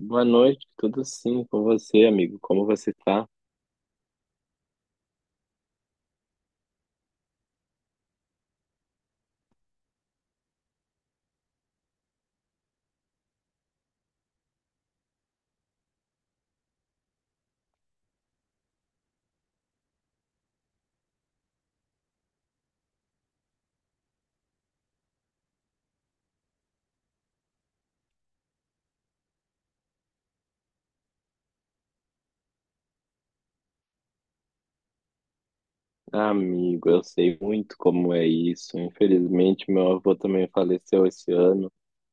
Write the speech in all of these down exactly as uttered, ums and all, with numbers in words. Boa noite, tudo sim com você, amigo? Como você tá? Ah, amigo, eu sei muito como é isso. Infelizmente, meu avô também faleceu esse ano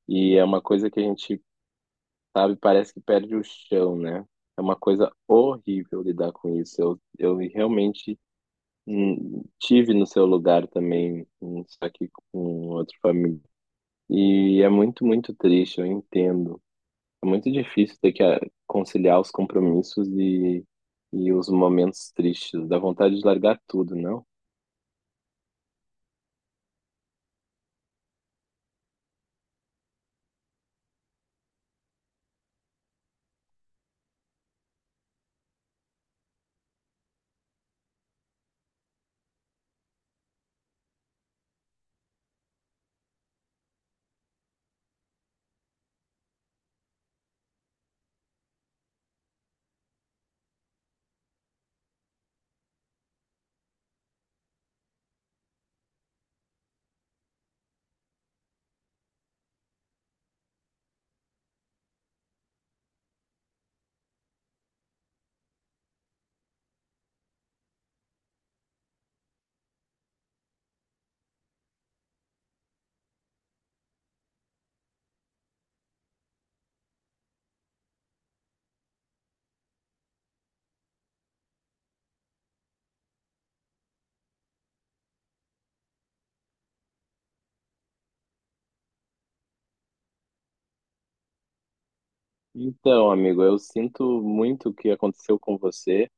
e é uma coisa que a gente, sabe, parece que perde o chão, né? É uma coisa horrível lidar com isso. Eu, eu realmente hum, tive no seu lugar também, hum, só que com outro família. E é muito, muito triste, eu entendo. É muito difícil ter que ah, conciliar os compromissos e, e os momentos tristes. Dá vontade de largar tudo, não? Então, amigo, eu sinto muito o que aconteceu com você.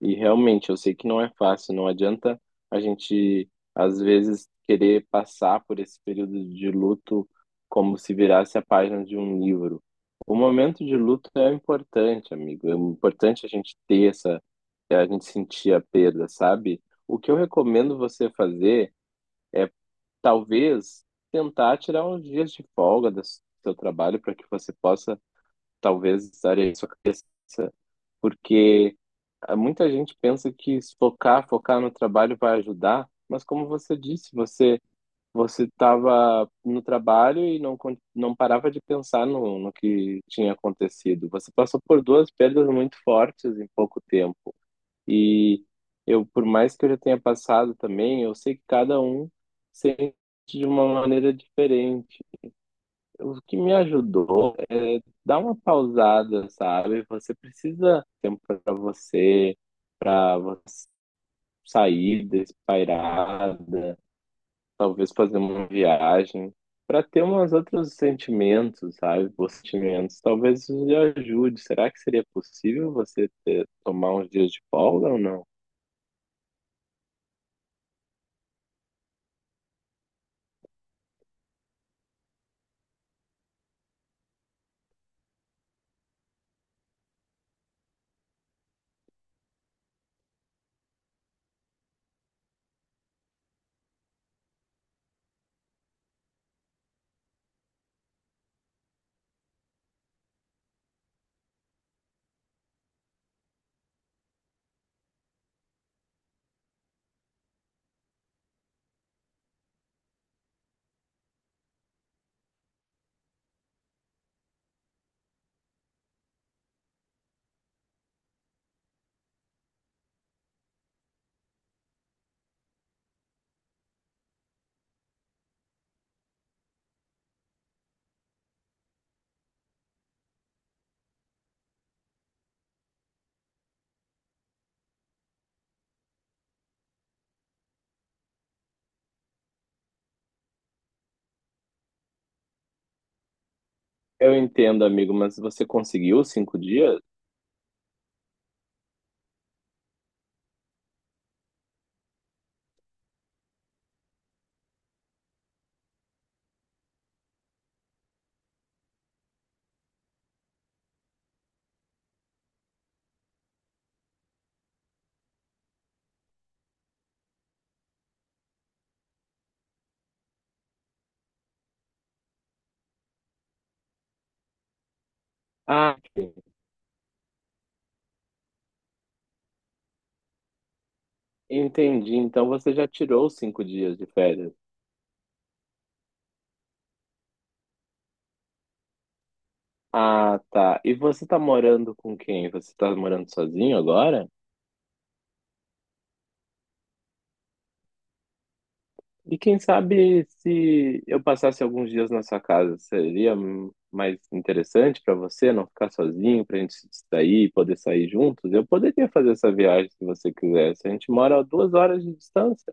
E realmente, eu sei que não é fácil, não adianta a gente, às vezes, querer passar por esse período de luto como se virasse a página de um livro. O momento de luto é importante, amigo. É importante a gente ter essa, é, a gente sentir a perda, sabe? O que eu recomendo você fazer é, talvez, tentar tirar uns dias de folga do seu trabalho para que você possa, talvez, estar aí sua cabeça, porque ah, muita gente pensa que se focar, focar no trabalho vai ajudar, mas como você disse, você você estava no trabalho e não, con- não parava de pensar no, no que tinha acontecido. Você passou por duas perdas muito fortes em pouco tempo. E eu, por mais que eu já tenha passado também, eu sei que cada um sente de uma maneira diferente. O que me ajudou é dar uma pausada, sabe? Você precisa de tempo para você, para você sair despairada, talvez fazer uma viagem, para ter umas outros sentimentos, sabe? Bons sentimentos. Talvez isso lhe ajude. Será que seria possível você ter- tomar uns dias de folga ou não? Eu entendo, amigo, mas você conseguiu cinco dias? Ah, entendi. Então você já tirou os cinco dias de férias. Ah, tá. E você tá morando com quem? Você tá morando sozinho agora? E quem sabe se eu passasse alguns dias na sua casa, seria hum, mais interessante pra você não ficar sozinho, pra gente se distrair, e poder sair juntos? Eu poderia fazer essa viagem se você quisesse. A gente mora a duas horas de distância.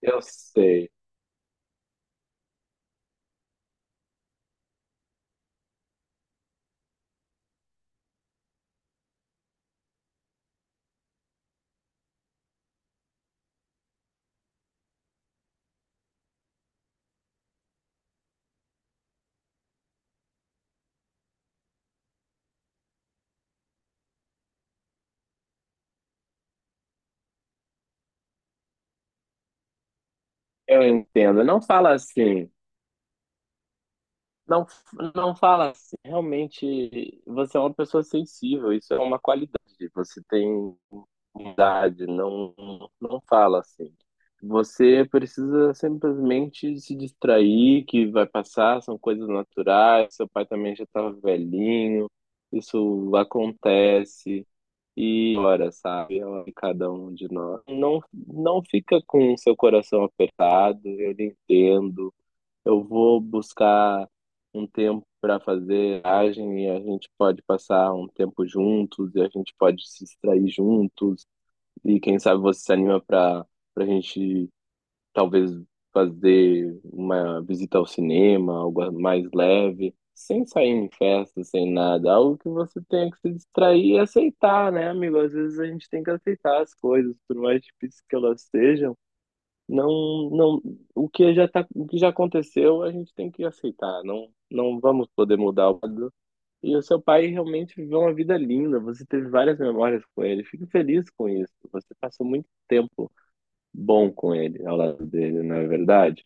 Eu sei, eu entendo. Não fala assim. Não, não fala assim. Realmente, você é uma pessoa sensível. Isso é uma qualidade. Você tem idade não, não fala assim. Você precisa simplesmente se distrair, que vai passar, são coisas naturais, seu pai também já estava velhinho, isso acontece. E ora, sabe, ela e cada um de nós. Não, não fica com o seu coração apertado, eu lhe entendo. Eu vou buscar um tempo para fazer viagem e a gente pode passar um tempo juntos e a gente pode se distrair juntos e quem sabe você se anima para para a gente talvez fazer uma visita ao cinema, algo mais leve, sem sair em festa, sem nada, algo que você tenha que se distrair e aceitar, né, amigo? Às vezes a gente tem que aceitar as coisas, por mais difíceis que elas sejam. Não, não, o que já tá, o que já aconteceu, a gente tem que aceitar. Não, não vamos poder mudar o e o seu pai realmente viveu uma vida linda, você teve várias memórias com ele. Fico feliz com isso. Você passou muito tempo bom com ele, ao lado dele, não é verdade?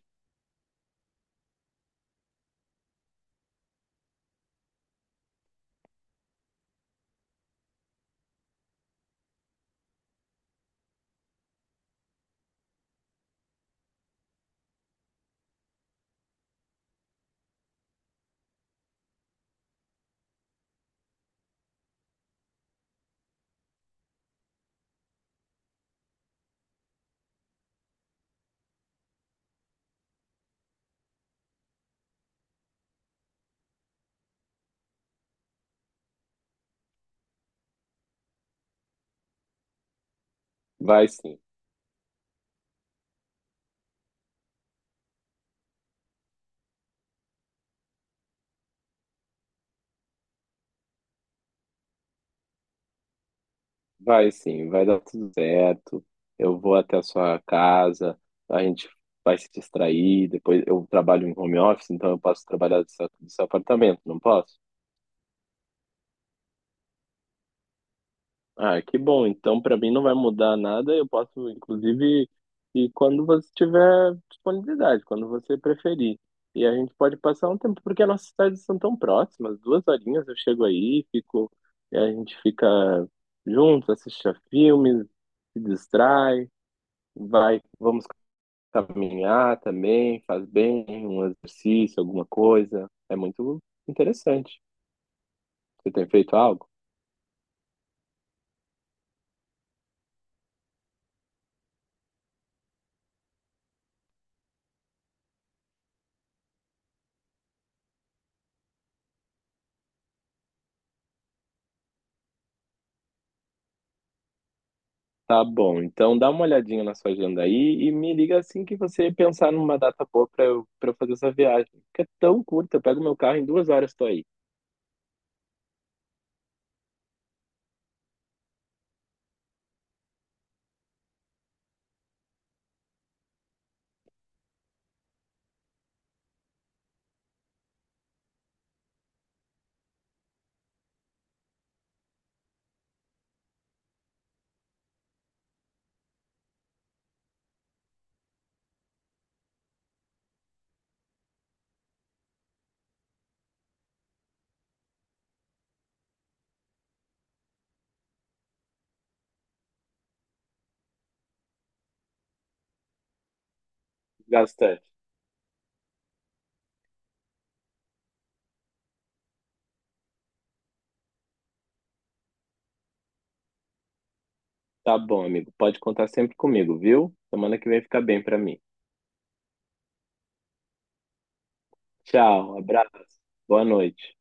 Vai sim, vai sim, vai dar tudo certo. Eu vou até a sua casa, a gente vai se distrair. Depois eu trabalho em home office, então eu posso trabalhar do seu, do seu apartamento, não posso? Ah, que bom. Então, para mim não vai mudar nada. Eu posso, inclusive, e quando você tiver disponibilidade, quando você preferir. E a gente pode passar um tempo, porque as nossas cidades são tão próximas. Duas horinhas eu chego aí, fico, e a gente fica junto, assiste a filmes, se distrai, vai, vamos caminhar também, faz bem, um exercício, alguma coisa. É muito interessante. Você tem feito algo? Tá bom, então dá uma olhadinha na sua agenda aí e me liga assim que você pensar numa data boa pra eu, pra eu fazer essa viagem. Que é tão curta, eu pego meu carro em duas horas, tô aí, gastante. Tá bom, amigo, pode contar sempre comigo, viu? Semana que vem fica bem pra mim. Tchau, abraço, boa noite.